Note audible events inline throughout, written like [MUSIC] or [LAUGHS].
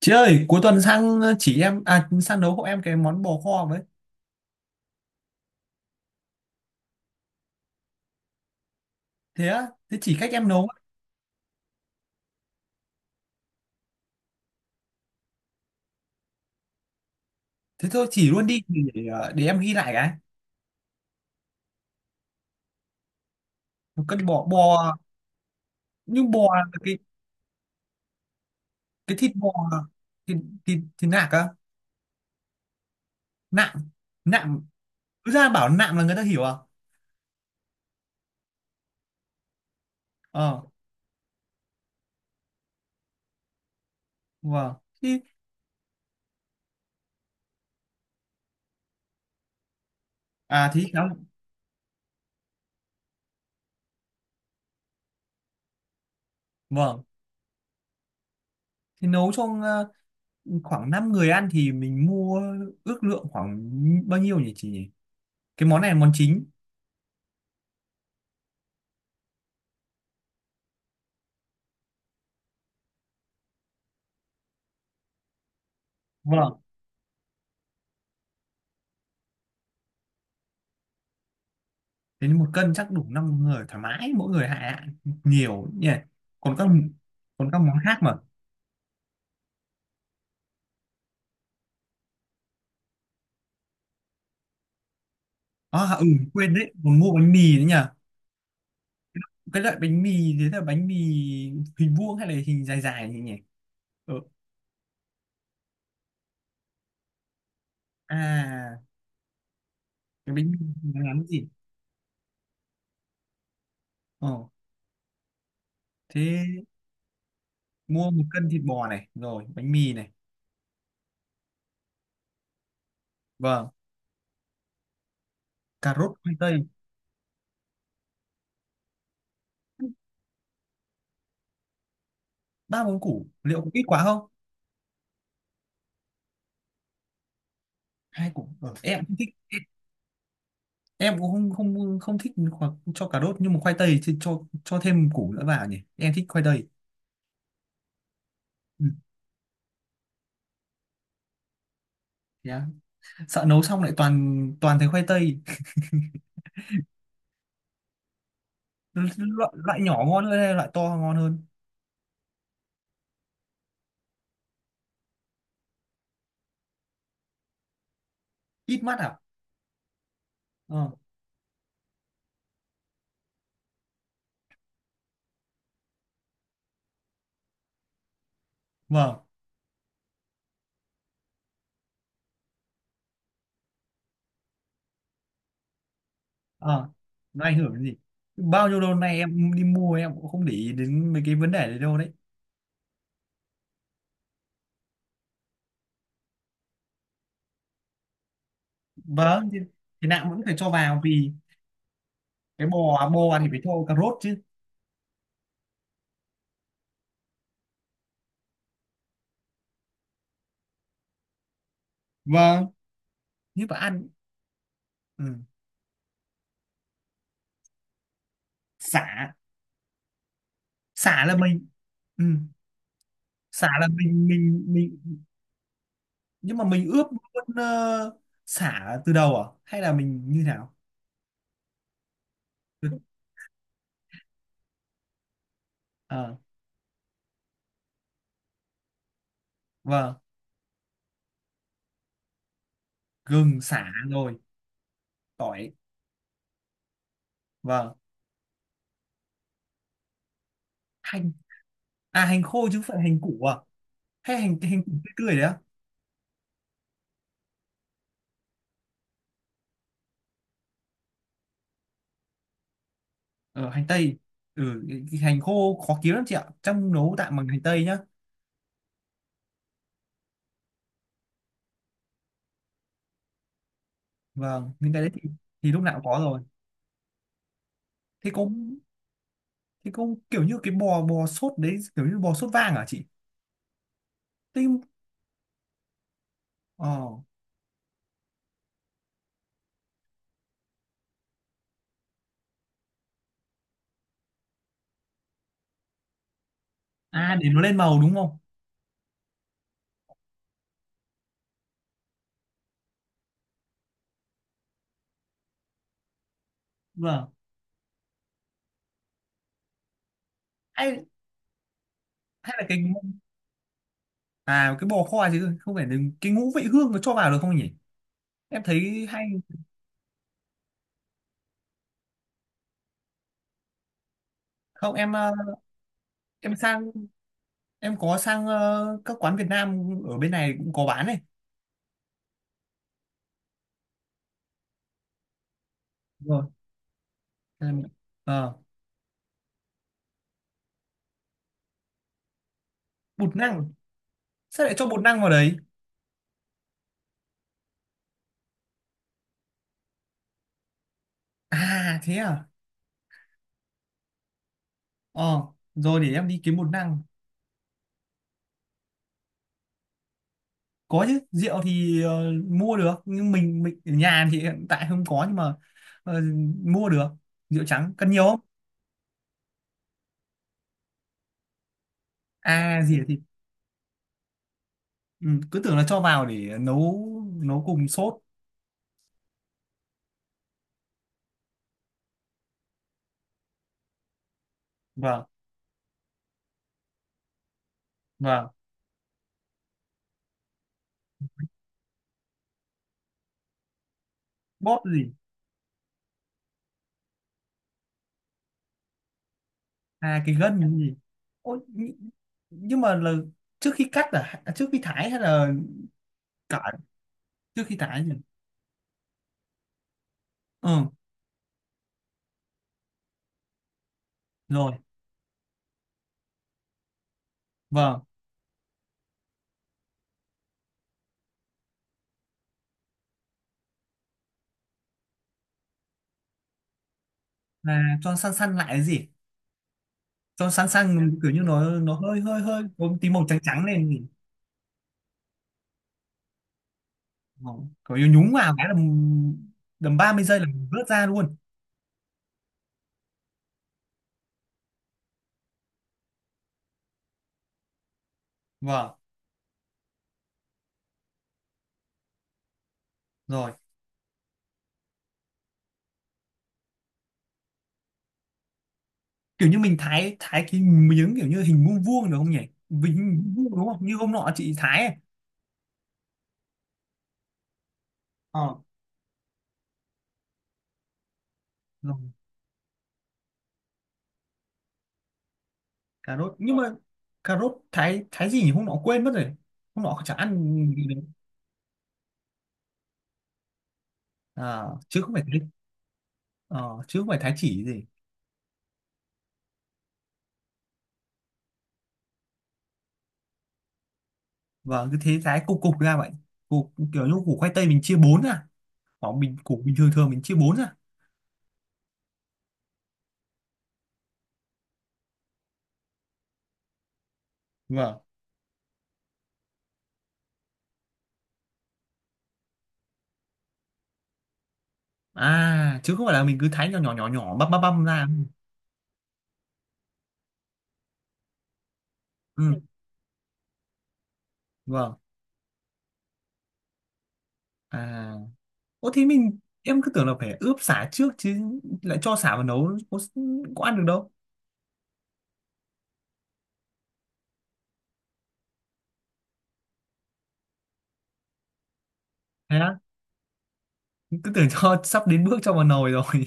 Chị ơi, cuối tuần sang chỉ em à, sang nấu hộ em cái món bò kho với. Thế á? Thế chỉ cách em nấu. Thế thôi chỉ luôn đi để, để em ghi lại cái. Một cân bò. Nhưng bò là cái thịt bò. thịt, thịt, thịt nạc á, nạm nạm cứ ra bảo nạm là người ta hiểu à? Ờ, vâng. Thì à thì lắm. Vâng. Thì nấu cho khoảng 5 người ăn thì mình mua, ước lượng khoảng bao nhiêu nhỉ chị nhỉ? Cái món này là món chính. Vâng. Thế nên một cân chắc đủ 5 người thoải mái, mỗi người hạ hạ nhiều nhỉ. Còn các, còn các món khác mà. À, ừ, quên đấy, còn mua bánh mì nữa nhỉ. Cái loại bánh mì, thế là bánh mì hình vuông hay là hình dài dài nhỉ nhỉ? Ờ. À cái bánh mì ngắn ngắn gì? Ờ, thế mua 1 cân thịt bò này rồi bánh mì này. Vâng. Cà rốt, khoai tây. Ba món củ liệu có ít quá không? Hai củ, em không thích. Em cũng không không không thích, hoặc cho cà rốt, nhưng mà khoai tây thì cho thêm củ nữa vào nhỉ, em thích khoai tây. Ừ. Yeah. Sợ nấu xong lại toàn toàn thấy khoai tây. Lo- loại nhỏ ngon hơn hay loại to ngon hơn? Ít mắt à? Ờ. Vâng. Ờ. Nó ảnh hưởng đến gì? Bao nhiêu lâu nay em đi mua em cũng không để ý đến mấy cái vấn đề đấy đâu đấy. Vâng thì nào vẫn phải cho vào vì cái bò bò ăn thì phải cho cà rốt chứ. Vâng, như mà ăn. Ừ. xả Xả là mình. Ừ. Sả là mình, nhưng mà mình ướp luôn sả từ đầu à hay là mình như nào? Ờ. Vâng, gừng sả rồi, tỏi, vâng, hành. À hành khô chứ không phải hành củ à? Hay hành hành củ tươi tươi đấy á? Ờ hành tây. Ừ, cái hành khô khó kiếm lắm chị ạ. Trong nấu tạm bằng hành tây nhá. Vâng, những cái đấy thì lúc nào cũng có rồi. Thế có, thế có kiểu như cái bò bò sốt đấy, kiểu như bò sốt vàng à chị? Thế. Ờ. À để nó lên màu đúng không? Vâng. Hay, hay là cái, à cái bò kho chứ không phải là cái ngũ vị hương nó cho vào được không nhỉ, em thấy hay. Không em, em sang em có sang các quán Việt Nam ở bên này cũng có bán này. Đúng rồi. Em- ờ, bột năng. Sao lại cho bột năng vào đấy? À thế à. Ờ, rồi để em đi kiếm bột năng. Có chứ, rượu thì mua được, nhưng mình ở nhà thì hiện tại không có, nhưng mà ờ, mua được. Rượu trắng cần nhiều không? À gì. Ừ, cứ tưởng là cho vào để nấu, nấu cùng sốt. Vâng. Vâng. Bóp gì? À cái gân cái gì? Ôi, nhưng mà là trước khi cắt à. À, trước khi thái hay là cả trước khi thái nhỉ? Ừ. Rồi. Vâng, là cho săn săn lại cái gì? Cho săn săn kiểu như nó hơi hơi hơi có tí màu trắng trắng lên gì. Vâng, kiểu như nhúng vào cái là đầm 30 giây là mình vớt ra luôn. Vâng. Rồi, kiểu như mình thái, thái cái miếng kiểu như hình vuông vuông được không nhỉ? Hình vuông đúng không, như hôm nọ chị thái ấy. Ờ. Rồi. Cà rốt, nhưng mà cà rốt thái thái gì nhỉ, hôm nọ quên mất rồi, hôm nọ chả ăn gì đấy. À, chứ không phải thái. Ờ, chứ không phải thái chỉ gì. Và cứ thế thái cục cục ra vậy, cục kiểu như củ khoai tây mình chia bốn ra, hoặc mình củ bình thường thường mình chia bốn ra. Vâng. À chứ không phải là mình cứ thái nhỏ nhỏ nhỏ nhỏ băm băm băm ra. Ừ. Vâng. À. Ủa thế mình, em cứ tưởng là phải ướp sả trước chứ, lại cho sả vào nấu có ăn được đâu. Thế á, cứ tưởng cho [LAUGHS] sắp đến bước cho vào nồi rồi. [LAUGHS]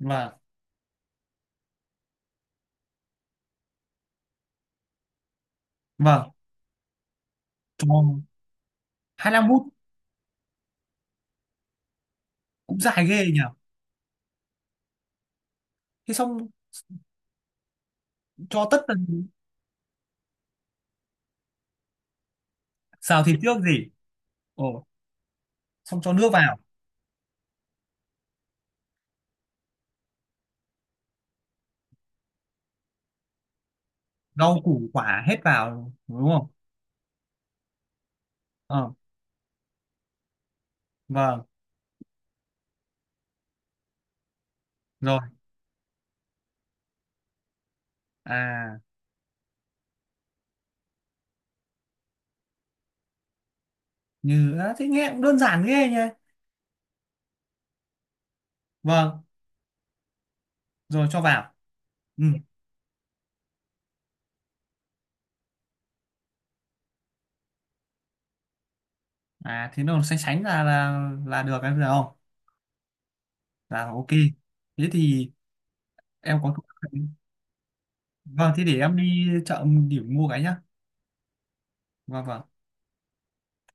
Vâng, vâng. Cho, 25 phút cũng dài ghê nhỉ. Thế xong cho tất tần. Xào thịt trước gì? Ồ, xong cho nước vào, rau củ quả hết vào đúng không? Ờ, vâng, rồi. À, như à, thế nghe cũng đơn giản ghê nhỉ. Vâng, rồi cho vào. Ừ. À thế nó sánh sánh là là được em thấy không? Là ok. Thế thì em có. Vâng, thế để em đi chợ điểm mua cái nhá. Vâng vâng.